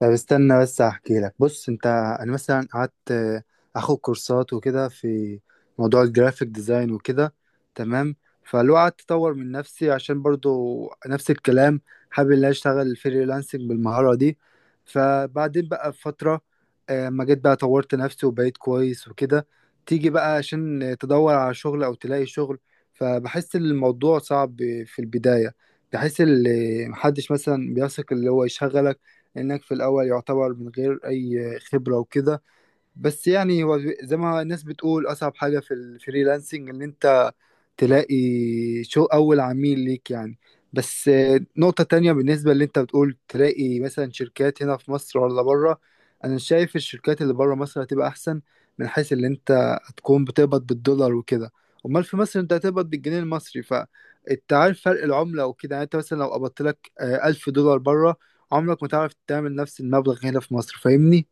طب استنى بس احكي لك. بص انت، انا مثلا قعدت اخد كورسات وكده في موضوع الجرافيك ديزاين وكده. تمام. فلو قعدت اطور من نفسي عشان برضو نفس الكلام، حابب ان أنا اشتغل فريلانسنج بالمهارة دي. فبعدين بقى بفترة ما جيت بقى طورت نفسي وبقيت كويس وكده، تيجي بقى عشان تدور على شغل او تلاقي شغل. فبحس ان الموضوع صعب في البداية. بحس ان محدش مثلا بيثق اللي هو يشغلك، لأنك في الأول يعتبر من غير أي خبرة وكده. بس يعني هو زي ما الناس بتقول، أصعب حاجة في الفريلانسنج إن أنت تلاقي شو اول عميل ليك يعني. بس نقطة تانية بالنسبة اللي انت بتقول تلاقي مثلا شركات هنا في مصر ولا بره، انا شايف الشركات اللي بره مصر هتبقى احسن، من حيث اللي انت هتكون بتقبض بالدولار وكده. امال في مصر انت هتقبض بالجنيه المصري، فانت عارف فرق العملة وكده. يعني انت مثلا لو قبضت لك 1000 دولار بره، عمرك ما تعرف تعمل نفس المبلغ هنا في مصر. فاهمني؟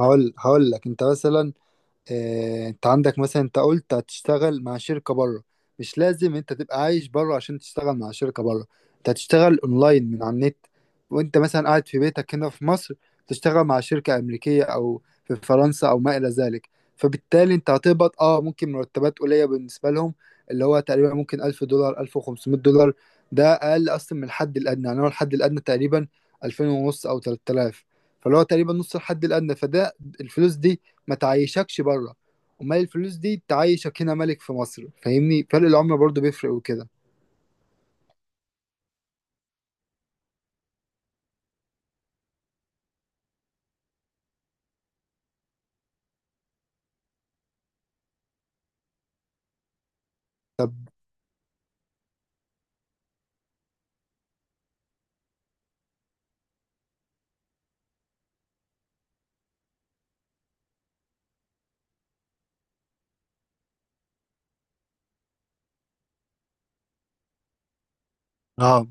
هقول لك انت مثلا، انت عندك مثلا، انت قلت هتشتغل مع شركة بره. مش لازم انت تبقى عايش بره عشان تشتغل مع شركة بره. انت هتشتغل اونلاين من على النت، وانت مثلا قاعد في بيتك هنا في مصر، تشتغل مع شركة امريكية او في فرنسا او ما الى ذلك. فبالتالي انت هتقبض ممكن مرتبات قليلة بالنسبة لهم، اللي هو تقريبا ممكن 1000 دولار 1500 دولار. ده اقل اصلا من الحد الادنى. يعني هو الحد الادنى تقريبا 2000 ونص او 3000. فاللي هو تقريبا نص الحد الادنى. فده الفلوس دي ما تعيشكش بره. امال الفلوس دي تعيشك هنا ملك في مصر. فاهمني، فرق العملة برضو بيفرق وكده. اه.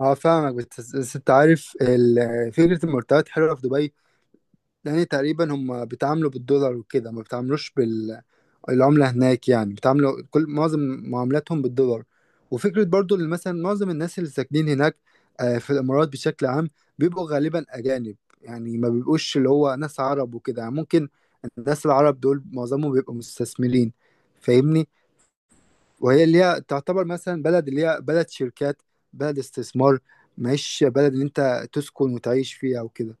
اه فاهمك. بس انت عارف، فكرة المرتبات حلوة في دبي، لان تقريبا هم بيتعاملوا بالدولار وكده، ما بيتعاملوش بال العملة هناك. يعني بيتعاملوا كل معظم معاملاتهم بالدولار. وفكرة برضو اللي مثلا معظم الناس اللي ساكنين هناك في الإمارات بشكل عام، بيبقوا غالبا أجانب. يعني ما بيبقوش اللي هو ناس عرب وكده. يعني ممكن الناس العرب دول معظمهم بيبقوا مستثمرين، فاهمني. وهي اللي هي تعتبر مثلا بلد، اللي هي بلد شركات، بلد استثمار، مش بلد اللي انت تسكن وتعيش فيها وكده.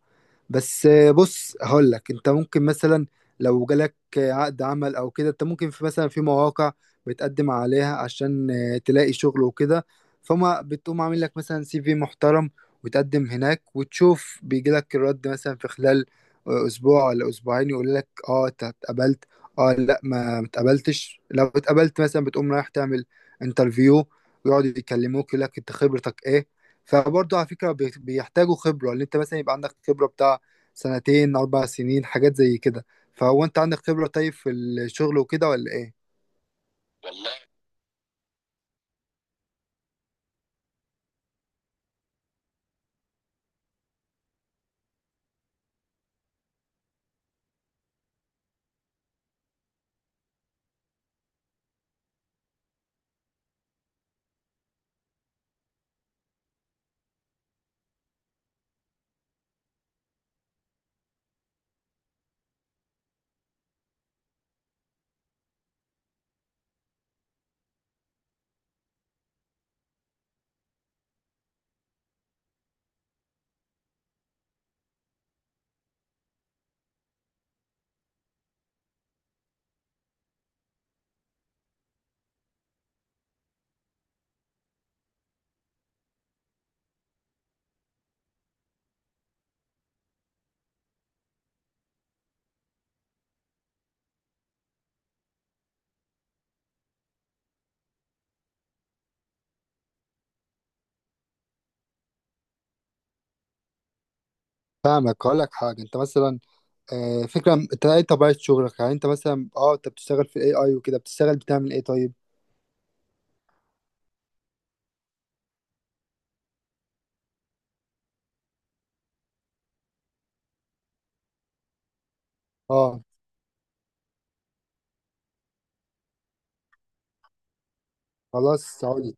بس بص هقول لك انت ممكن مثلا، لو جالك عقد عمل او كده، انت ممكن في مثلا في مواقع بتقدم عليها عشان تلاقي شغل وكده. فما بتقوم عامل لك مثلا سي في محترم وتقدم هناك، وتشوف بيجي لك الرد مثلا في خلال اسبوع ولا اسبوعين، يقول لك اه انت اتقبلت، اه لا ما متقبلتش. لو اتقبلت مثلا، بتقوم رايح تعمل انترفيو، ويقعدوا يكلموك يقول لك انت خبرتك ايه. فبرضه على فكرة، بيحتاجوا خبرة، اللي انت مثلا يبقى عندك خبرة بتاع سنتين أربع سنين، حاجات زي كده. فهو أنت عندك خبرة طيب في الشغل وكده ولا إيه؟ والله فاهمك. هقول لك حاجة. أنت مثلا، فكرة أنت إيه طبيعة شغلك؟ يعني أنت مثلا أنت بتشتغل في الأي أي وكده، بتشتغل بتعمل إيه طيب؟ أه. خلاص هقول لك.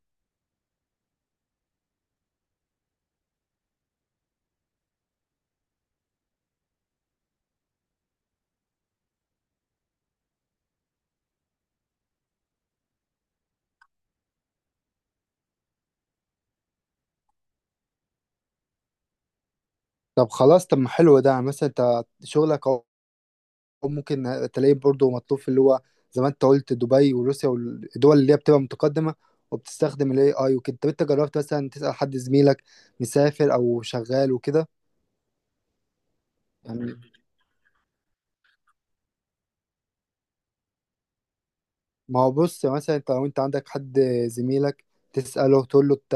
طب خلاص، طب ما حلو ده. يعني مثلا أنت شغلك أهو ممكن تلاقيه برضه مطلوب في اللي هو زي ما أنت قلت دبي وروسيا والدول اللي هي بتبقى متقدمة وبتستخدم ال AI وكده. طب أنت جربت مثلا تسأل حد زميلك مسافر أو شغال وكده؟ يعني ما هو بص، مثلا انت لو انت عندك حد زميلك تسأله تقول له انت،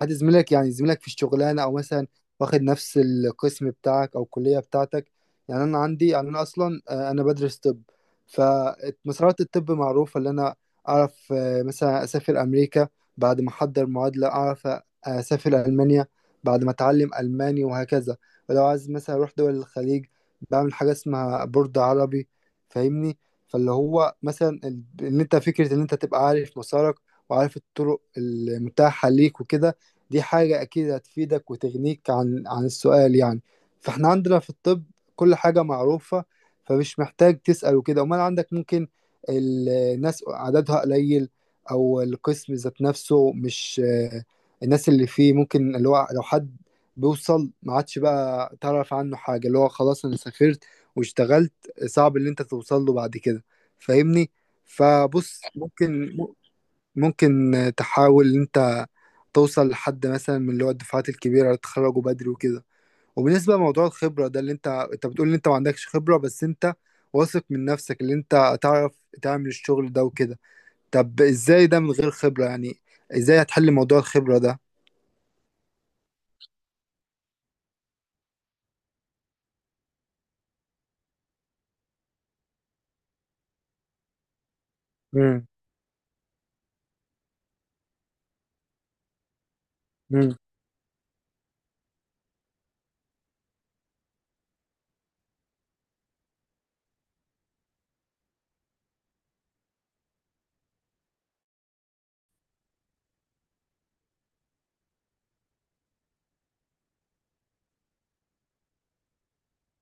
حد زميلك يعني زميلك في الشغلانة، او مثلا واخد نفس القسم بتاعك او الكلية بتاعتك. يعني انا عندي، يعني انا اصلا انا بدرس طب، فمسارات الطب معروفة. اللي انا اعرف مثلا اسافر امريكا بعد ما احضر معادلة، اعرف اسافر المانيا بعد ما اتعلم الماني، وهكذا. ولو عايز مثلا اروح دول الخليج، بعمل حاجة اسمها بورد عربي، فاهمني. فاللي هو مثلا ان انت فكره ان انت تبقى عارف مسارك وعارف الطرق المتاحه ليك وكده، دي حاجه اكيد هتفيدك وتغنيك عن عن السؤال يعني. فاحنا عندنا في الطب كل حاجه معروفه، فمش محتاج تسال وكده. امال عندك ممكن الناس عددها قليل، او القسم ذات نفسه مش الناس اللي فيه ممكن. اللي هو لو حد بيوصل ما عادش بقى تعرف عنه حاجه، اللي هو خلاص انا سافرت واشتغلت، صعب اللي انت توصل له بعد كده. فاهمني. فبص، ممكن ممكن تحاول ان انت توصل لحد مثلا من اللي هو الدفعات الكبيره اللي اتخرجوا بدري وكده. وبالنسبه لموضوع الخبره ده، اللي انت انت بتقول ان انت ما عندكش خبره، بس انت واثق من نفسك اللي انت تعرف تعمل الشغل ده وكده. طب ازاي ده من غير خبره يعني؟ ازاي هتحل موضوع الخبره ده؟ امم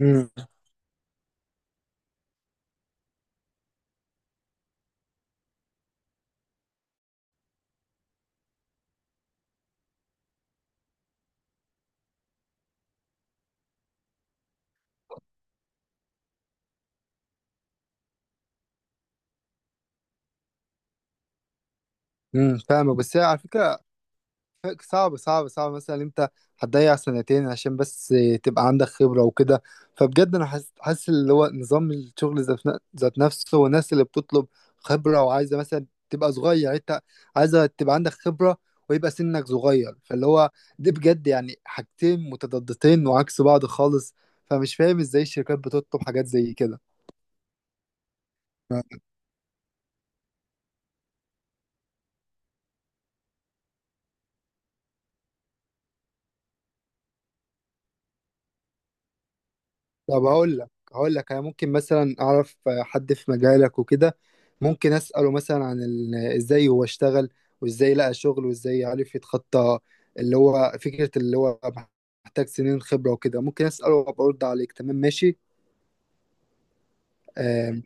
امم فاهمك. بس هي على فكره صعب صعب صعب. مثلا انت هتضيع سنتين عشان بس تبقى عندك خبرة وكده. فبجد انا حاسس حاسس اللي هو نظام الشغل ذات ذات نفسه، والناس اللي بتطلب خبرة وعايزة مثلا تبقى صغير. انت عايزة تبقى عندك خبرة ويبقى سنك صغير، فاللي هو دي بجد يعني حاجتين متضادتين وعكس بعض خالص. فمش فاهم ازاي الشركات بتطلب حاجات زي كده. طب هقول لك هقول لك، انا ممكن مثلا اعرف حد في مجالك وكده، ممكن اساله مثلا عن ازاي هو اشتغل، وازاي لقى شغل، وازاي عرف يتخطى اللي هو فكرة اللي هو محتاج سنين خبرة وكده. ممكن اساله وابقى ارد عليك. تمام ماشي؟ آه،